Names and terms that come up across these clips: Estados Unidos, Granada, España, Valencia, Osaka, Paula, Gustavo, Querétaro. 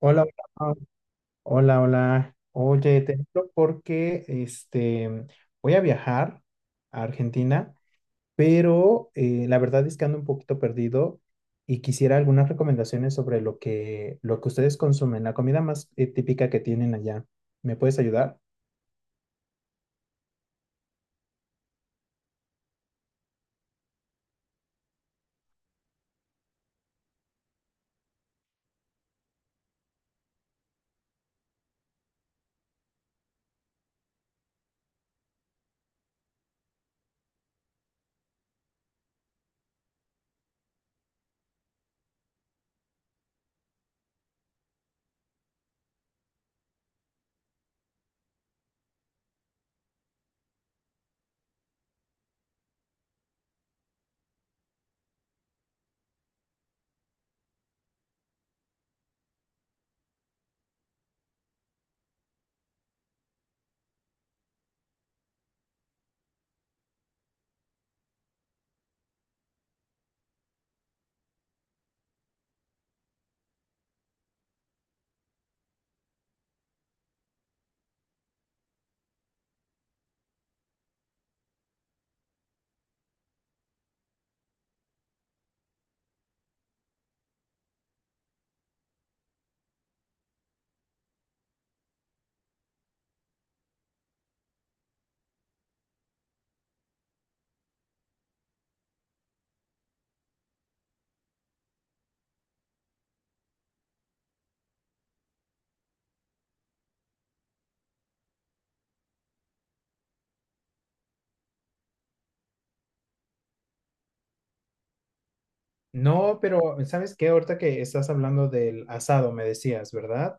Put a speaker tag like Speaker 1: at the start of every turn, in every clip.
Speaker 1: Hola, hola, hola, hola. Oye, te hablo porque voy a viajar a Argentina, pero la verdad es que ando un poquito perdido y quisiera algunas recomendaciones sobre lo que ustedes consumen, la comida más típica que tienen allá. ¿Me puedes ayudar? No, pero ¿sabes qué? Ahorita que estás hablando del asado, me decías, ¿verdad?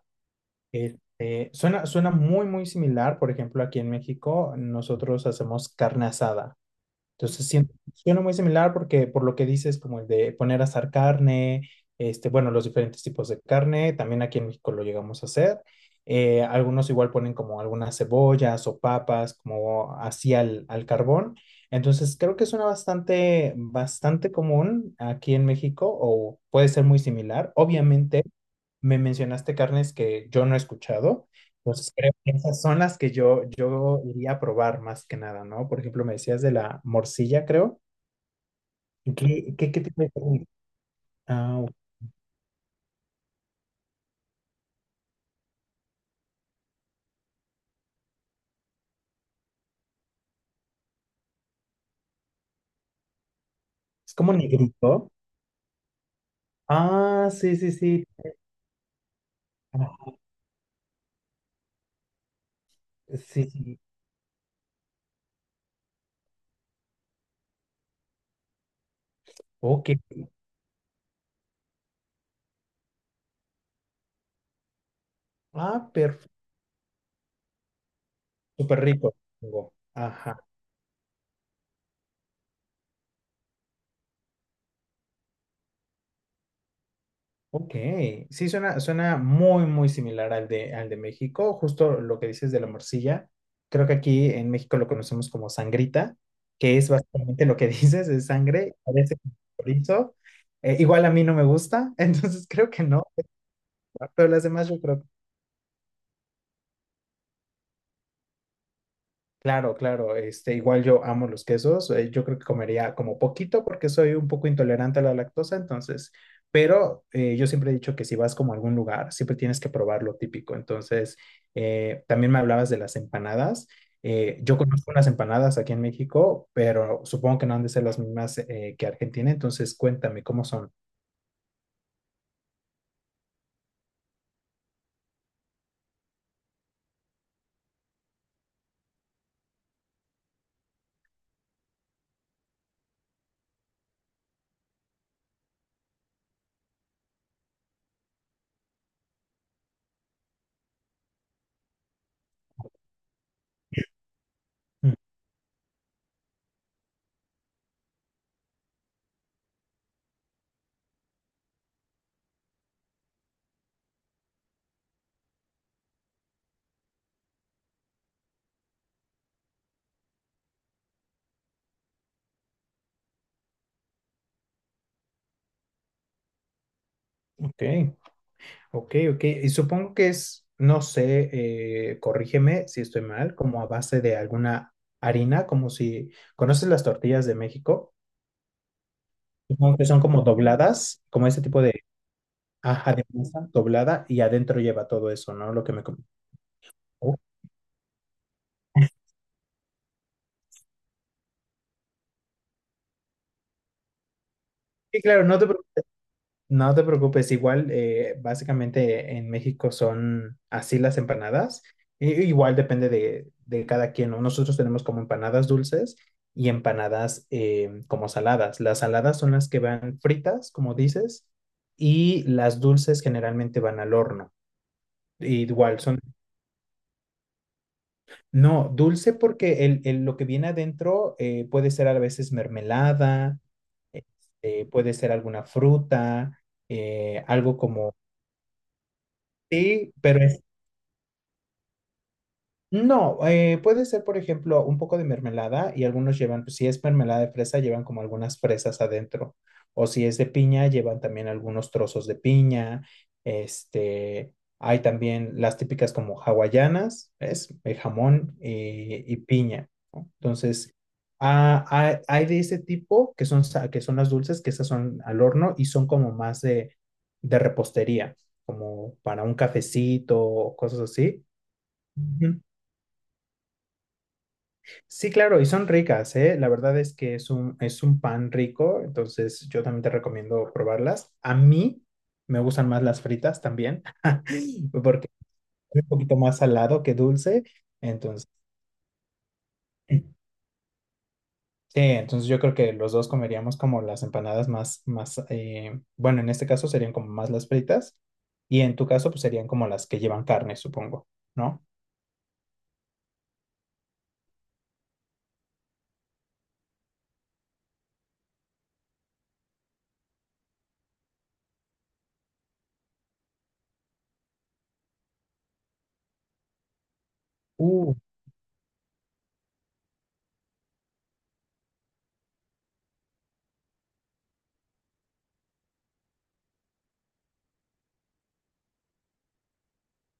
Speaker 1: Suena muy, muy similar. Por ejemplo, aquí en México nosotros hacemos carne asada. Entonces, siento, suena muy similar porque por lo que dices, como el de poner a asar carne, bueno, los diferentes tipos de carne, también aquí en México lo llegamos a hacer. Algunos igual ponen como algunas cebollas o papas, como así al carbón. Entonces, creo que suena bastante, bastante común aquí en México o puede ser muy similar. Obviamente me mencionaste carnes que yo no he escuchado, entonces creo que esas son las que yo iría a probar más que nada, ¿no? Por ejemplo, me decías de la morcilla, creo. Qué tipo de carne? Ah, ok. Es como negrito. Ah, sí, sí, sí. Ah, sí, sí. Ok. Ah, perfecto. Súper rico, supongo. Ajá. Ok, sí, suena muy, muy similar al de México, justo lo que dices de la morcilla. Creo que aquí en México lo conocemos como sangrita, que es básicamente lo que dices, es sangre, parece chorizo. Igual a mí no me gusta, entonces creo que no, pero las demás yo creo. Claro, claro, igual yo amo los quesos, yo creo que comería como poquito porque soy un poco intolerante a la lactosa, entonces, pero yo siempre he dicho que si vas como a algún lugar, siempre tienes que probar lo típico, entonces, también me hablabas de las empanadas, yo conozco unas empanadas aquí en México, pero supongo que no han de ser las mismas que Argentina, entonces cuéntame cómo son. Mm. Ok. Ok, ok. Y supongo que es, no sé, corrígeme si estoy mal, como a base de alguna harina, como si, ¿conoces las tortillas de México? Supongo que son como dobladas, como ese tipo de, ajá, de masa doblada y adentro lleva todo eso, ¿no? Lo que me com- Oh, sí, claro, no te. No te preocupes, igual básicamente en México son así las empanadas. I- igual depende de cada quien, ¿no? Nosotros tenemos como empanadas dulces y empanadas como saladas. Las saladas son las que van fritas, como dices, y las dulces generalmente van al horno. Y igual son, no, dulce porque lo que viene adentro puede ser a veces mermelada, puede ser alguna fruta, algo como... Sí, pero no, puede ser, por ejemplo, un poco de mermelada y algunos llevan, pues, si es mermelada de fresa, llevan como algunas fresas adentro. O si es de piña, llevan también algunos trozos de piña. Hay también las típicas como hawaianas, ¿ves? Jamón y piña, ¿no? Entonces, ah, hay de ese tipo que son, sa- que son las dulces, que esas son al horno y son como más de repostería, como para un cafecito o cosas así. Sí, claro, y son ricas, ¿eh? La verdad es que es un pan rico, entonces yo también te recomiendo probarlas. A mí me gustan más las fritas también, porque es un poquito más salado que dulce, entonces, sí, entonces yo creo que los dos comeríamos como las empanadas bueno, en este caso serían como más las fritas, y en tu caso pues serían como las que llevan carne, supongo, ¿no? Uh,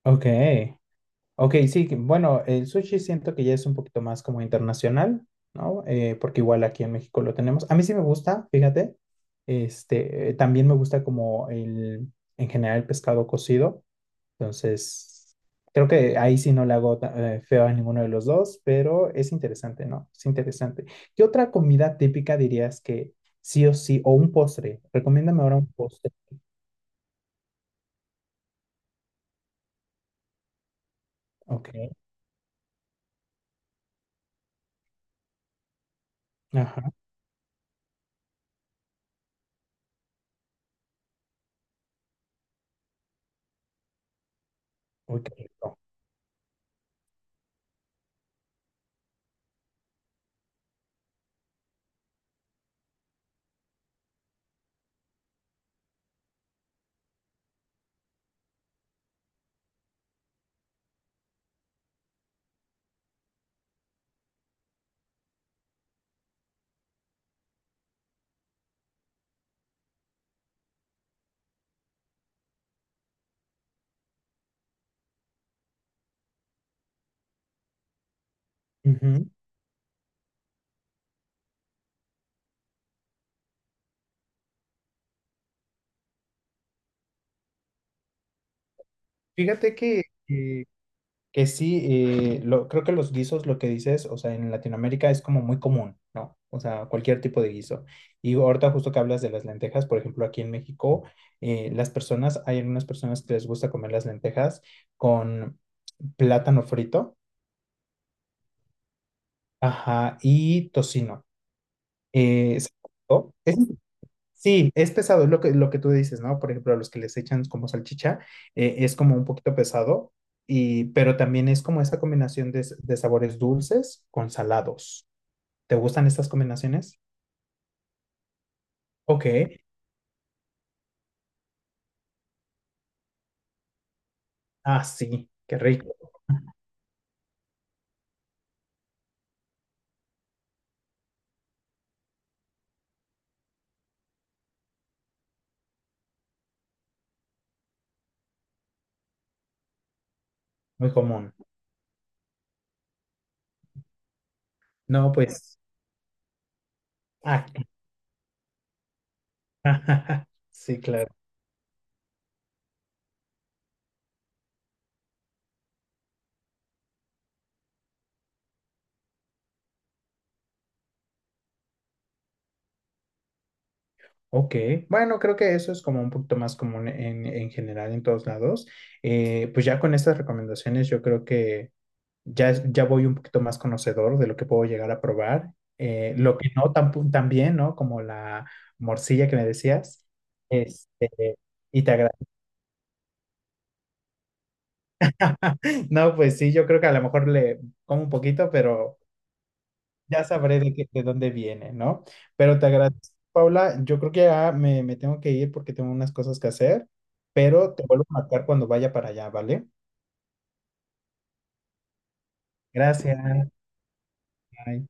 Speaker 1: ok. Ok, sí, que- bueno, el sushi siento que ya es un poquito más como internacional, ¿no? Porque igual aquí en México lo tenemos. A mí sí me gusta, fíjate. También me gusta como el, en general el pescado cocido. Entonces, creo que ahí sí no le hago ta- feo a ninguno de los dos, pero es interesante, ¿no? Es interesante. ¿Qué otra comida típica dirías que sí o sí, o un postre? Recomiéndame ahora un postre. Ok, ajá, uy, qué rico. Ujú. Fíjate que sí, creo que los guisos, lo que dices, o sea, en Latinoamérica es como muy común, ¿no? O sea, cualquier tipo de guiso. Y ahorita justo que hablas de las lentejas, por ejemplo, aquí en México, las personas, hay algunas personas que les gusta comer las lentejas con plátano frito, ajá, y tocino. Eh, ¿Sabes? Sí, es pesado, es lo que tú dices, ¿no? Por ejemplo, a los que les echan como salchicha, es como un poquito pesado, y, pero también es como esa combinación de, s- de sabores dulces con salados. ¿Te gustan estas combinaciones? Ok. Ah, sí, qué rico, muy común. No, pues, ah, sí, claro. Ok, bueno, creo que eso es como un poquito más común en general en todos lados. Pues ya con estas recomendaciones yo creo que ya, es- ya voy un poquito más conocedor de lo que puedo llegar a probar. Lo que no tan, pu- tan bien, ¿no? Como la morcilla que me decías. Este, y te agradezco. No, pues sí, yo creo que a lo mejor le como un poquito, pero ya sabré de, qué- de dónde viene, ¿no? Pero te agradezco, Paula. Yo creo que ya me tengo que ir porque tengo unas cosas que hacer, pero te vuelvo a marcar cuando vaya para allá, ¿vale? Gracias. Bye.